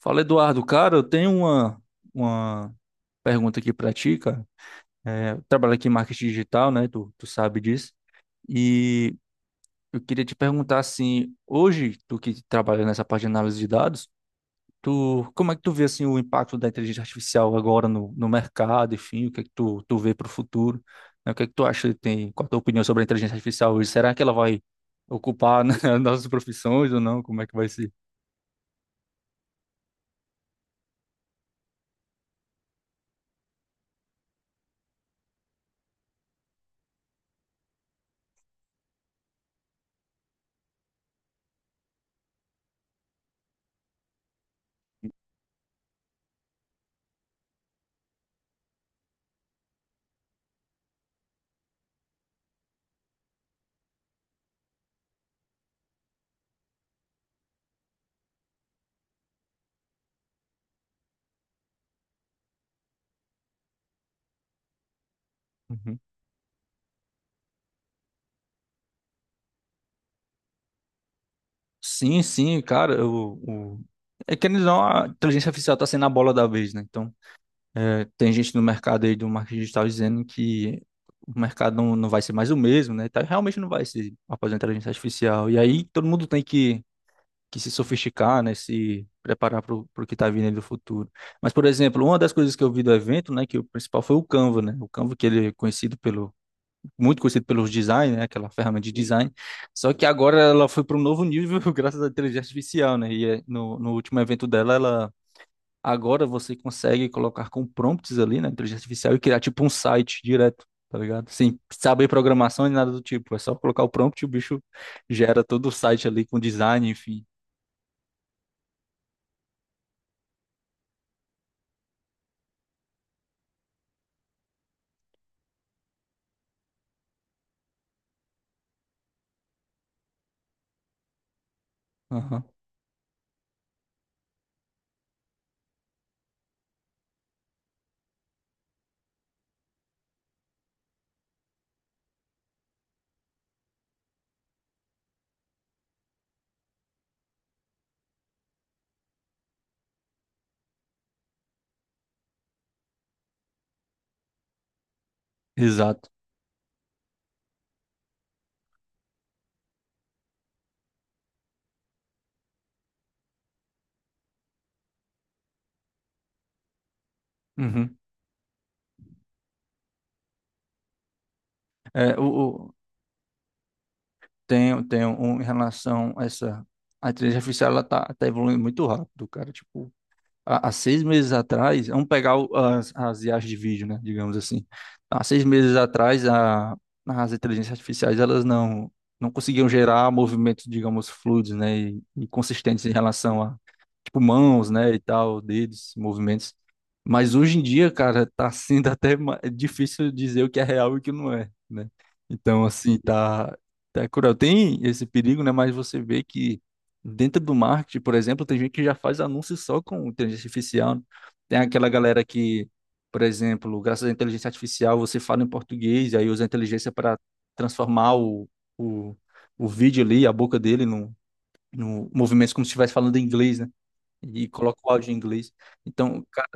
Fala, Eduardo. Cara, eu tenho uma pergunta aqui pra ti, cara. É, eu trabalho aqui em marketing digital, né? Tu sabe disso. E eu queria te perguntar, assim, hoje, tu que trabalha nessa parte de análise de dados, como é que tu vê, assim, o impacto da inteligência artificial agora no mercado, enfim, o que é que tu vê para o futuro, né? O que é que tu acha que tem, qual a tua opinião sobre a inteligência artificial hoje? Será que ela vai ocupar, né, as nossas profissões ou não? Como é que vai ser? Sim, sim, cara, é que eles não, a inteligência artificial está sendo a bola da vez, né? Então, tem gente no mercado aí do marketing digital dizendo que o mercado não vai ser mais o mesmo, né? Tá, realmente não vai ser após a inteligência artificial. E aí todo mundo tem que se sofisticar, né? Se preparar para o que está vindo aí do futuro. Mas, por exemplo, uma das coisas que eu vi do evento, né, que o principal foi o Canva, né? O Canva, que ele é conhecido pelo muito conhecido pelos design, né, aquela ferramenta de design. Só que agora ela foi para um novo nível graças à inteligência artificial, né? E no último evento dela, ela agora você consegue colocar com prompts ali na inteligência artificial e criar tipo um site direto, tá ligado? Sem saber programação nem nada do tipo, é só colocar o prompt e o bicho gera todo o site ali com design, enfim. Aham. Exato. Uhum. É, o, o- em relação a essa a inteligência artificial, ela tá evoluindo muito rápido, cara. Tipo, há 6 meses atrás, vamos pegar as IAs de vídeo, né, digamos assim. Há 6 meses atrás, as inteligências artificiais, elas não conseguiam gerar movimentos, digamos, fluidos, né, e consistentes em relação a, tipo, mãos, né, e tal, dedos, movimentos. Mas hoje em dia, cara, tá sendo até é difícil dizer o que é real e o que não é, né? Então, assim, tá cruel. Tem esse perigo, né, mas você vê que dentro do marketing, por exemplo, tem gente que já faz anúncios só com inteligência artificial. Tem aquela galera que, por exemplo, graças à inteligência artificial, você fala em português e aí usa a inteligência para transformar o, o vídeo ali, a boca dele, no movimento, como se estivesse falando em inglês, né? E coloca o áudio em inglês. Então, cara,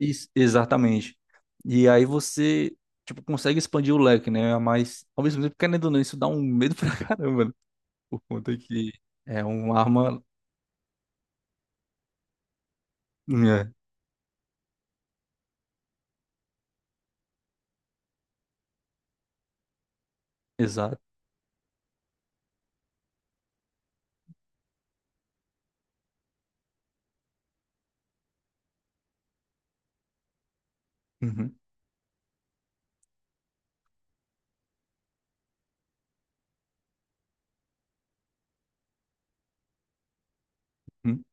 isso, exatamente. E aí você, tipo, consegue expandir o leque, né? Mas, ao mesmo tempo, querendo ou não, isso dá um medo pra caramba, né? Por conta que é uma arma. É. Exato. Uhum, uhum,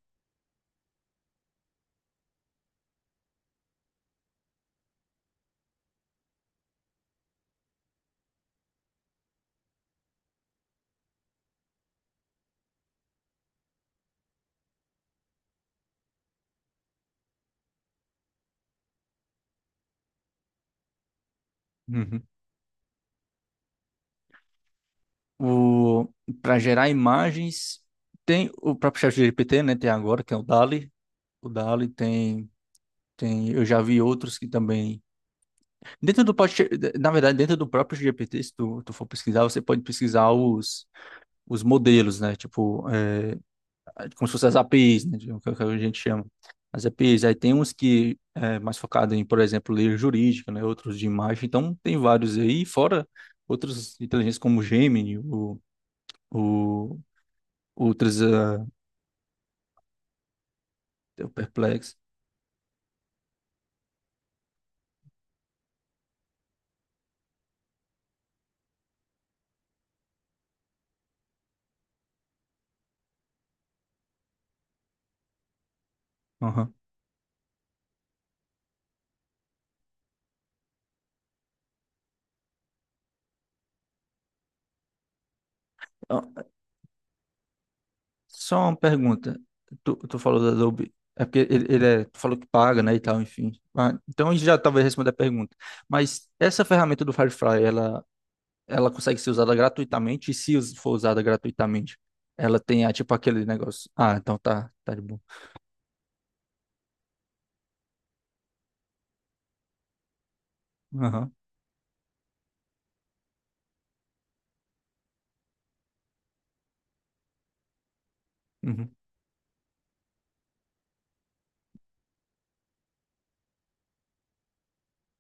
uhum. O, para gerar imagens, tem o próprio chat ChatGPT, né? Tem agora, que é o DALL-E. O DALL-E tem. Eu já vi outros que também. Dentro do. Próprio Na verdade, dentro do próprio GPT, se tu for pesquisar, você pode pesquisar os modelos, né? Tipo, como se fossem as APIs, né? Que a gente chama. As APIs. Aí tem uns que é mais focado em, por exemplo, ler jurídica, né? Outros de imagem. Então, tem vários aí, fora outras inteligências como o Gemini, o Ultras, o Perplex. Aham. Ah, Só uma pergunta. Tu falou da Adobe. É porque tu falou que paga, né, e tal, enfim. Ah, então a gente já talvez responda a pergunta. Mas essa ferramenta do Firefly, ela consegue ser usada gratuitamente? E se for usada gratuitamente, ela tem, tipo, aquele negócio. Ah, então tá de boa. Aham. Uhum.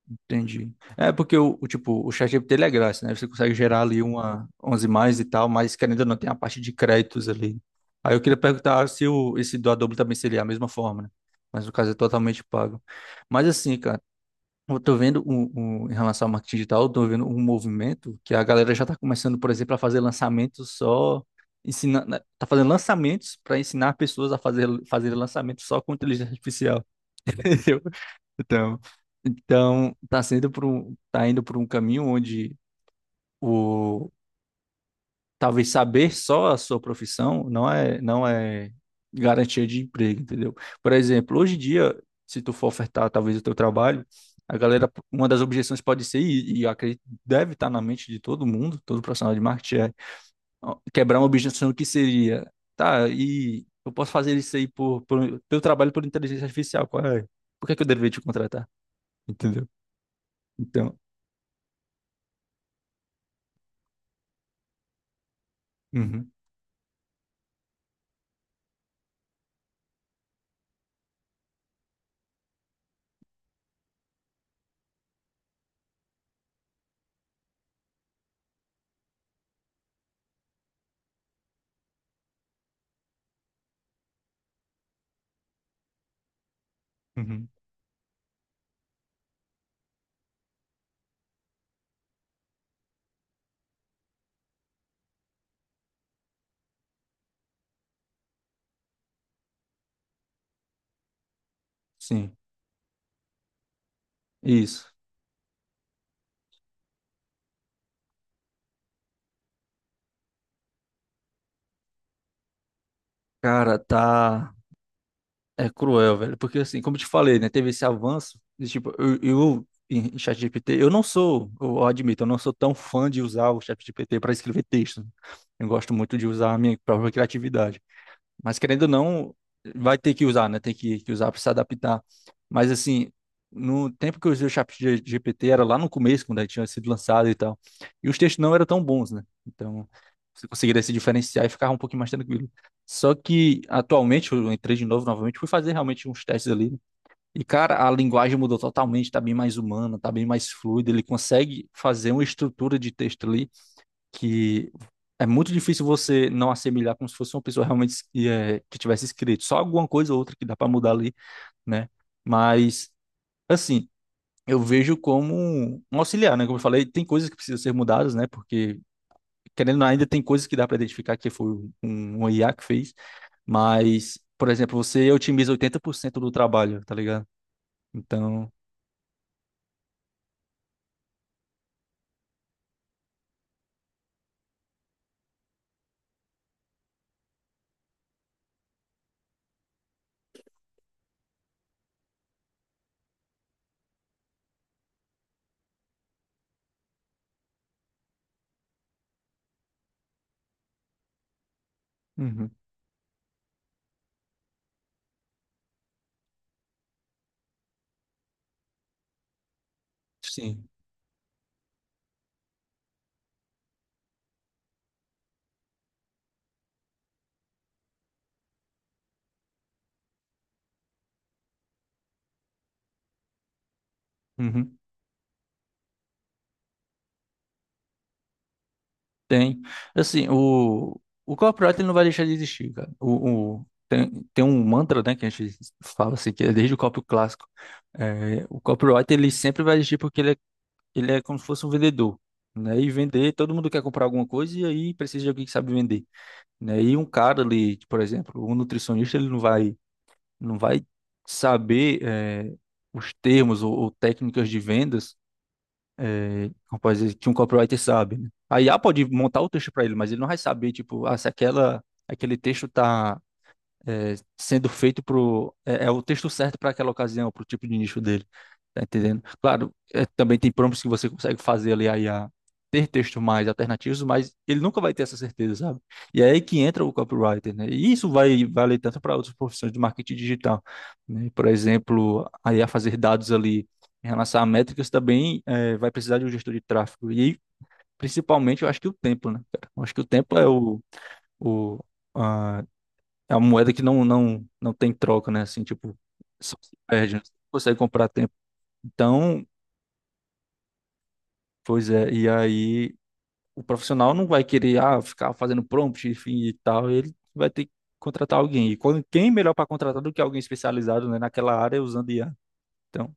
Entendi. É porque o tipo, o ChatGPT ele é grátis, né? Você consegue gerar ali umas imagens e tal, mas querendo ou não, tem a parte de créditos ali. Aí eu queria perguntar se esse do Adobe também seria a mesma forma, né? Mas no caso é totalmente pago. Mas assim, cara, eu tô vendo em relação ao marketing digital, eu tô vendo um movimento que a galera já tá começando, por exemplo, a fazer lançamentos só ensinando, tá fazendo lançamentos para ensinar pessoas a fazer lançamentos só com inteligência artificial. Então, então, tá sendo por tá indo por um caminho onde o talvez saber só a sua profissão não é garantia de emprego, entendeu? Por exemplo, hoje em dia, se tu for ofertar talvez o teu trabalho, a galera, uma das objeções pode ser, e eu acredito que deve estar na mente de todo mundo, todo profissional de marketing, é: ó, quebrar uma objeção que seria, tá, e eu posso fazer isso aí por, teu trabalho por inteligência artificial, qual é? Por que que eu deveria te contratar? Entendeu? Então, uhum, uhum, sim, isso. Cara, tá. É cruel, velho. Porque, assim, como eu te falei, né? Teve esse avanço. De, tipo, eu em ChatGPT, eu não sou, eu admito, eu não sou tão fã de usar o ChatGPT para escrever texto, né. Eu gosto muito de usar a minha própria criatividade. Mas querendo ou não, vai ter que usar, né? Tem que usar para se adaptar. Mas assim, no tempo que eu usei o chat GPT, era lá no começo, quando ele tinha sido lançado e tal. E os textos não eram tão bons, né? Então, você conseguiria se diferenciar e ficava um pouquinho mais tranquilo. Só que, atualmente, eu entrei de novo, novamente, fui fazer realmente uns testes ali, né? E, cara, a linguagem mudou totalmente, tá bem mais humana, tá bem mais fluida. Ele consegue fazer uma estrutura de texto ali que é muito difícil você não assemelhar como se fosse uma pessoa realmente que tivesse escrito. Só alguma coisa ou outra que dá para mudar ali, né? Mas, assim, eu vejo como um auxiliar, né? Como eu falei, tem coisas que precisam ser mudadas, né? Porque, querendo ou não, ainda tem coisas que dá para identificar que foi um IA que fez, mas, por exemplo, você otimiza 80% do trabalho, tá ligado? Então, uhum, sim. Uhum. Tem. Assim, o corporate ele não vai deixar de existir, cara. Tem um mantra, né, que a gente fala assim, que é desde o copy clássico. O copyright ele sempre vai existir porque ele é como se fosse um vendedor, né? E vender, todo mundo quer comprar alguma coisa e aí precisa de alguém que sabe vender, né? E um cara ali, por exemplo, um nutricionista, ele não vai saber, os termos ou técnicas de vendas, rapaz, que um copywriter sabe, né? A IA pode montar o texto para ele, mas ele não vai saber, tipo, se aquele texto tá sendo feito é o texto certo para aquela ocasião, para o tipo de nicho dele. Tá entendendo? Claro, também tem prompts que você consegue fazer ali a IA ter textos mais alternativos, mas ele nunca vai ter essa certeza, sabe? E é aí que entra o copywriter, né? E isso vai valer tanto para outras profissões de marketing digital, né? Por exemplo, a IA fazer dados ali em relação a métricas também, vai precisar de um gestor de tráfego. E principalmente, eu acho que o tempo, né, cara? Eu acho que o tempo é o, a é uma moeda que não tem troca, né? Assim, tipo, só se perde, né? Você não consegue comprar tempo. Então, pois é, e aí o profissional não vai querer, ficar fazendo prompt, enfim, e tal. Ele vai ter que contratar alguém. E quem melhor para contratar do que alguém especializado, né, naquela área é usando IA? Então,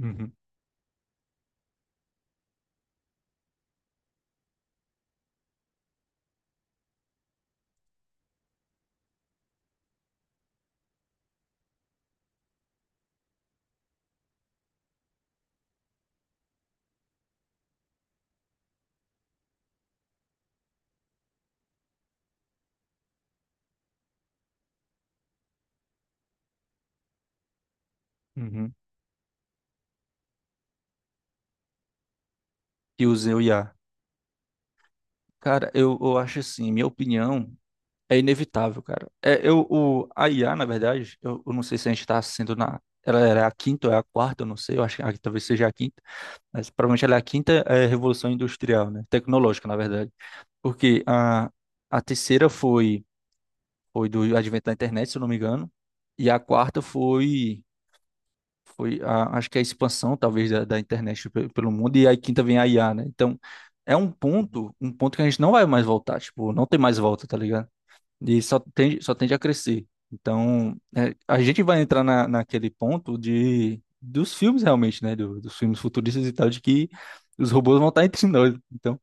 uhum, uhum. Que use o IA. Cara, eu acho assim, minha opinião. É inevitável, cara. A IA, na verdade, eu não sei se a gente está sendo na... Ela era a quinta ou é a quarta, eu não sei, eu acho que talvez seja a quinta, mas provavelmente ela é a quinta, revolução industrial, né? Tecnológica, na verdade. Porque a terceira foi, do advento da internet, se eu não me engano, e a quarta foi, acho que é a expansão, talvez, da internet pelo mundo, e a quinta vem a IA, né? Então, é um ponto que a gente não vai mais voltar, tipo, não tem mais volta, tá ligado? E só tende a crescer. Então, a gente vai entrar naquele ponto de dos filmes realmente, né? Dos filmes futuristas e tal, de que os robôs vão estar entre nós. Então,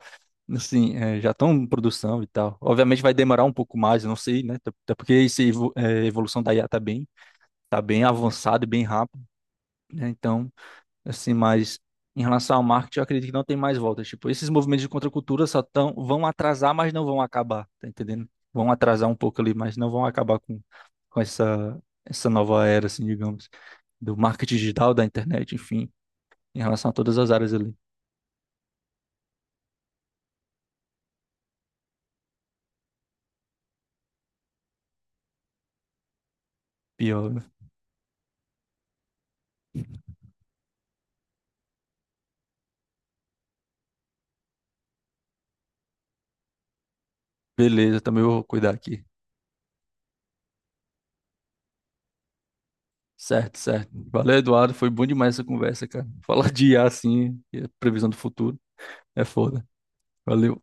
assim, já estão em produção e tal. Obviamente vai demorar um pouco mais, eu não sei, né? Até porque essa evolução da IA tá bem, avançada e bem rápida, né? Então assim, mas em relação ao marketing, eu acredito que não tem mais volta. Tipo, esses movimentos de contracultura só vão atrasar, mas não vão acabar, tá entendendo? Vão atrasar um pouco ali, mas não vão acabar com essa nova era, assim, digamos, do marketing digital, da internet, enfim, em relação a todas as áreas ali. Pior, né? Beleza, também vou cuidar aqui. Certo, certo. Valeu, Eduardo. Foi bom demais essa conversa, cara. Falar de IA, assim, e a previsão do futuro é foda. Valeu.